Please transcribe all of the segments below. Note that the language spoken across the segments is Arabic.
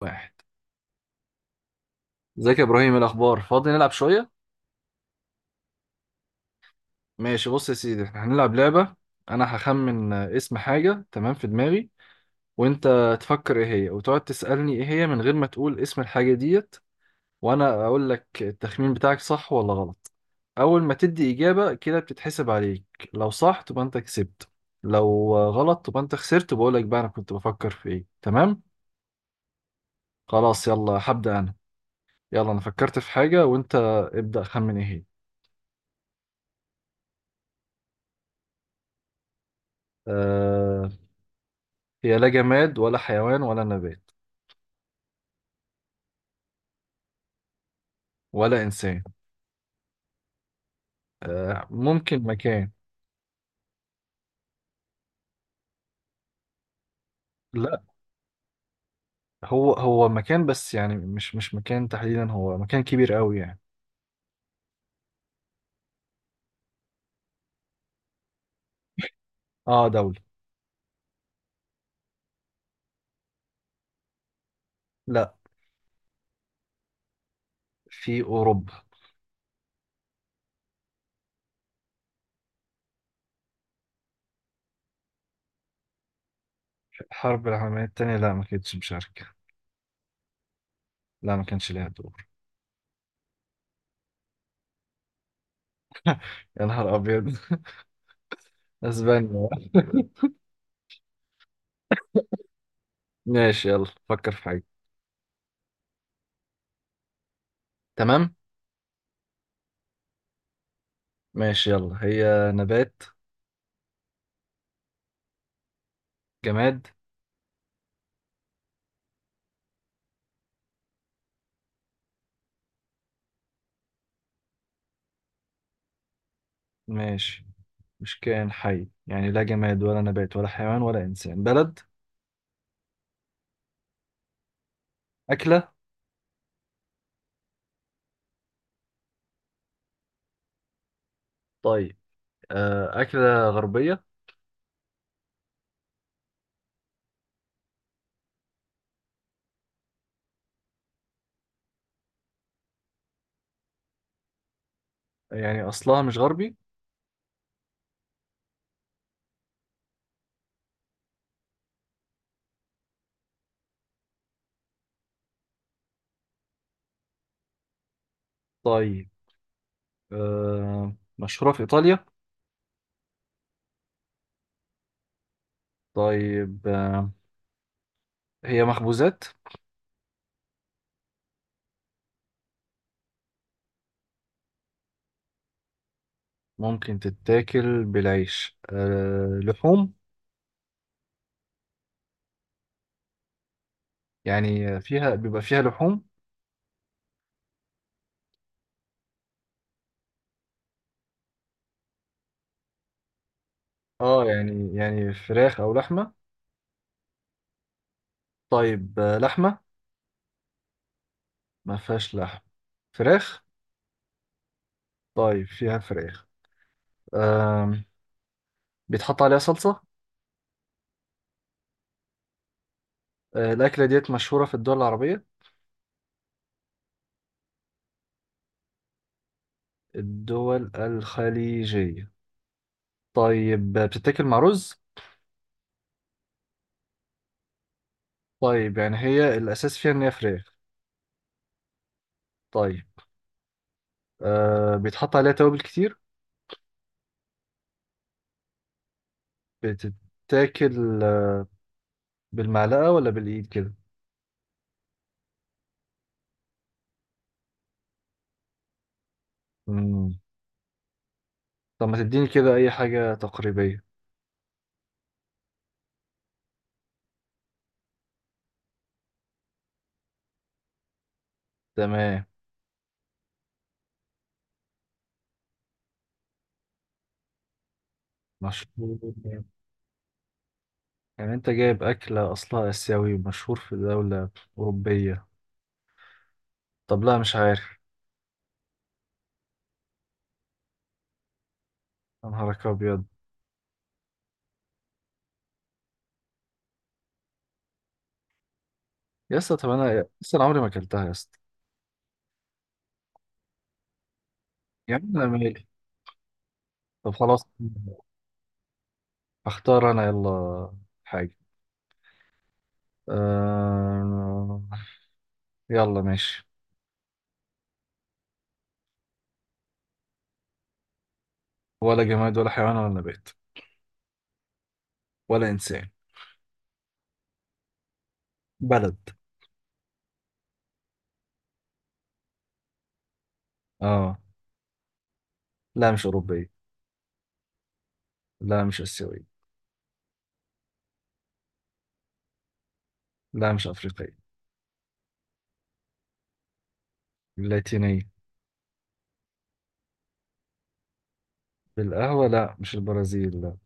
واحد. ازيك يا ابراهيم؟ إيه الاخبار؟ فاضي نلعب شويه؟ ماشي، بص يا سيدي، احنا هنلعب لعبه. انا هخمن اسم حاجه تمام في دماغي، وانت تفكر ايه هي وتقعد تسالني ايه هي من غير ما تقول اسم الحاجه ديت، وانا اقول لك التخمين بتاعك صح ولا غلط. اول ما تدي اجابه كده بتتحسب عليك. لو صح تبقى انت كسبت، لو غلط تبقى انت خسرت وبقول لك بقى انا كنت بفكر في ايه. تمام؟ خلاص، يلا هبدا انا. يلا انا فكرت في حاجه، وانت ابدا خمن ايه هي. أه... هي لا جماد ولا حيوان ولا نبات. ولا إنسان. آه، ممكن مكان. لا. هو هو مكان، بس يعني مش مكان تحديدا، هو مكان كبير قوي يعني. اه، دولة. لا. في أوروبا. الحرب العالمية التانية؟ لا ما كانتش مشاركة. لا ما كانش ليها دور. يا نهار أبيض! أسبانيا؟ ماشي يلا، فكر في حاجة. تمام. ماشي يلا، هي نبات؟ جماد؟ ماشي. مش كائن حي يعني، لا جماد ولا نبات ولا حيوان ولا إنسان. بلد؟ أكلة؟ طيب. آه، أكلة غربية؟ يعني أصلها مش غربي. طيب. آه، مشهورة في إيطاليا؟ طيب هي مخبوزات؟ ممكن تتاكل بالعيش. لحوم؟ يعني فيها بيبقى فيها لحوم. اه، يعني فراخ أو لحمة. طيب لحمة؟ ما فيهاش لحم. فراخ. طيب فيها فراخ. آم، بيتحط عليها صلصة؟ آه، الأكلة ديت مشهورة في الدول العربية؟ الدول الخليجية. طيب بتتاكل مع رز؟ طيب يعني هي الأساس فيها إن هي فراخ. طيب بيتحط عليها توابل كتير. بتتاكل بالمعلقة ولا بالإيد كده؟ مم. طب ما تديني كده أي حاجة تقريبية. تمام. مشهور؟ يعني أنت جايب أكلة أصلها آسيوي ومشهور في دولة أوروبية؟ طب لا، مش عارف. يا نهارك أبيض! يا اسطى طب أنا عمري ما أكلتها يا اسطى. يا عم أنا مالي. طب خلاص، أختار أنا يلا حاجة. آه... يلا ماشي. ولا جماد ولا حيوان ولا نبات. ولا إنسان. بلد. آه. لا مش أوروبية. لا مش آسيوية. لا مش أفريقية. اللاتينية؟ بالقهوة؟ لا مش البرازيل، لا.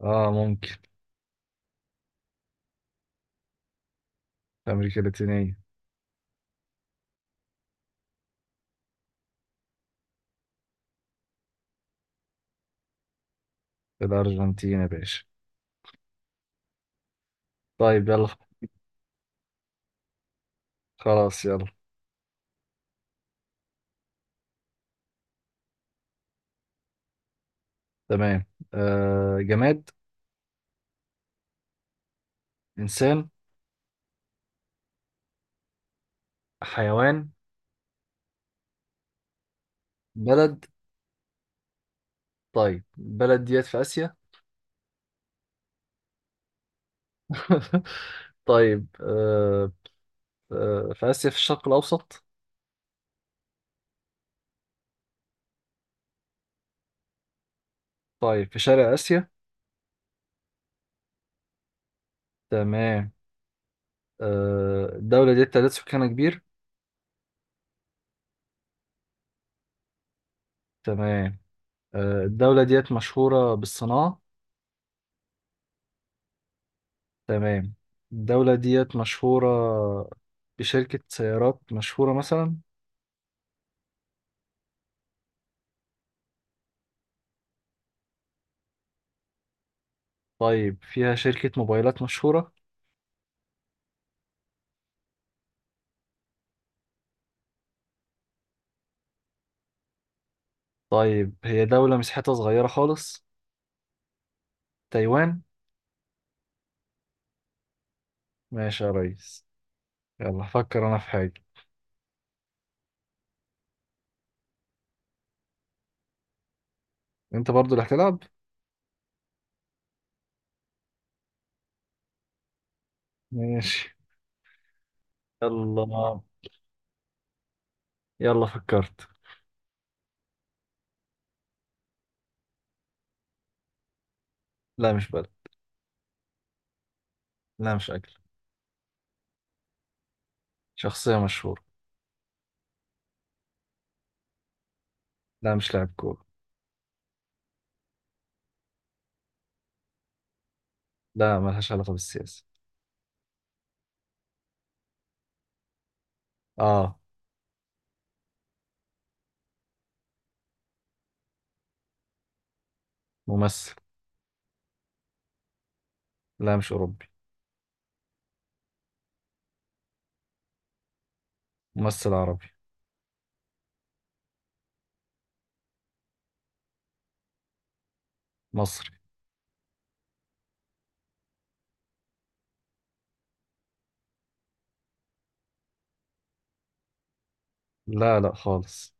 آه ممكن. في أمريكا اللاتينية. في الأرجنتين يا باشا! طيب يلا. خلاص يلا. تمام. آه، جماد؟ إنسان؟ حيوان؟ بلد؟ طيب بلد ديت في آسيا؟ طيب آه، في آسيا في الشرق الأوسط؟ طيب في شرق آسيا. تمام. آه، الدولة ديت تعداد سكانها كبير؟ تمام. آه، الدولة ديت مشهورة بالصناعة؟ تمام. الدولة ديت مشهورة بشركة سيارات مشهورة مثلا؟ طيب فيها شركة موبايلات مشهورة؟ طيب هي دولة مساحتها صغيرة خالص. تايوان؟ ماشي يا ريس. يلا فكر أنا في حاجة. أنت برضو اللي هتلعب. ماشي. يلا. يلا فكرت. لا مش بلد. لا مش أكل. شخصية مشهورة. لا مش لاعب كورة. لا ملهاش علاقة بالسياسة. اه. ممثل. لا مش أوروبي. ممثل عربي. مصري. لا لا خالص.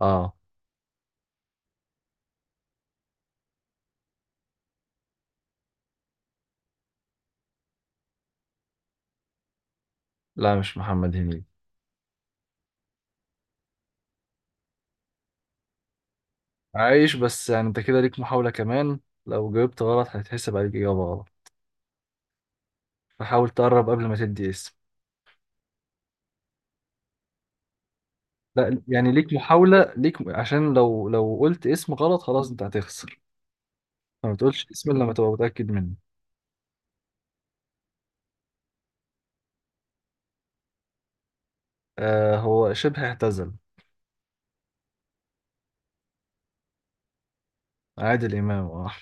آه. لا مش محمد هنيدي. عايش، بس يعني أنت كده ليك محاولة كمان. لو جاوبت غلط هيتحسب عليك إجابة غلط. فحاول تقرب قبل ما تدي اسم. لا، يعني ليك محاولة، ليك عشان لو قلت اسم غلط خلاص أنت هتخسر. فما تقولش اسم إلا لما تبقى متأكد منه. آه هو شبه اعتزل. عادل إمام، آه.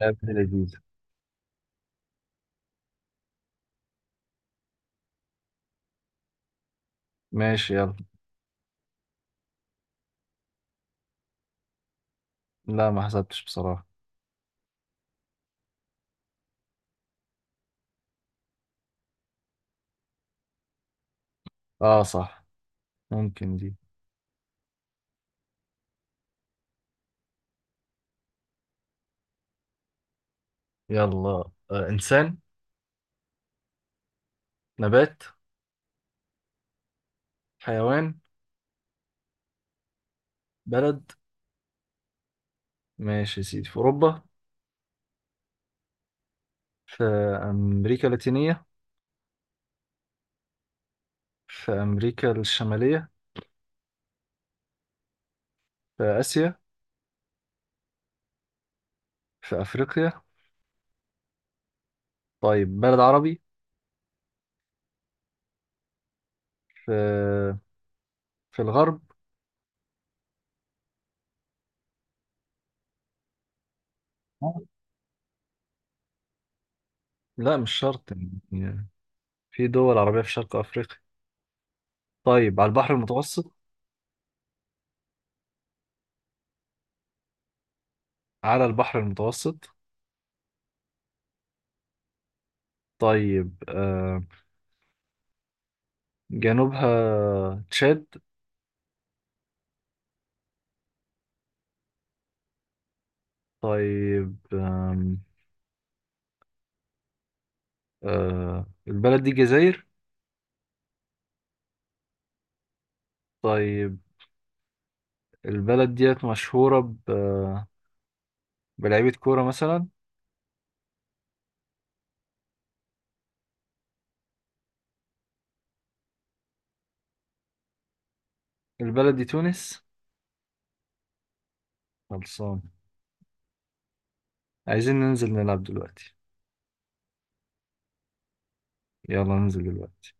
يا ابن لذيذ! ماشي يلا. لا ما حسبتش بصراحة. آه صح. ممكن دي. يلا. آه، إنسان؟ نبات؟ حيوان؟ بلد؟ ماشي يا سيدي، في أوروبا؟ في أمريكا اللاتينية؟ في أمريكا الشمالية؟ في آسيا؟ في أفريقيا؟ طيب بلد عربي. في في الغرب؟ لا مش شرط. يعني في دول عربية في شرق أفريقيا. طيب على البحر المتوسط؟ على البحر المتوسط. طيب جنوبها تشاد؟ طيب البلد دي جزائر؟ طيب البلد ديت مشهورة بلعيبة كورة مثلا؟ البلد دي تونس؟ خلصان. عايزين ننزل نلعب دلوقتي. يلا ننزل دلوقتي.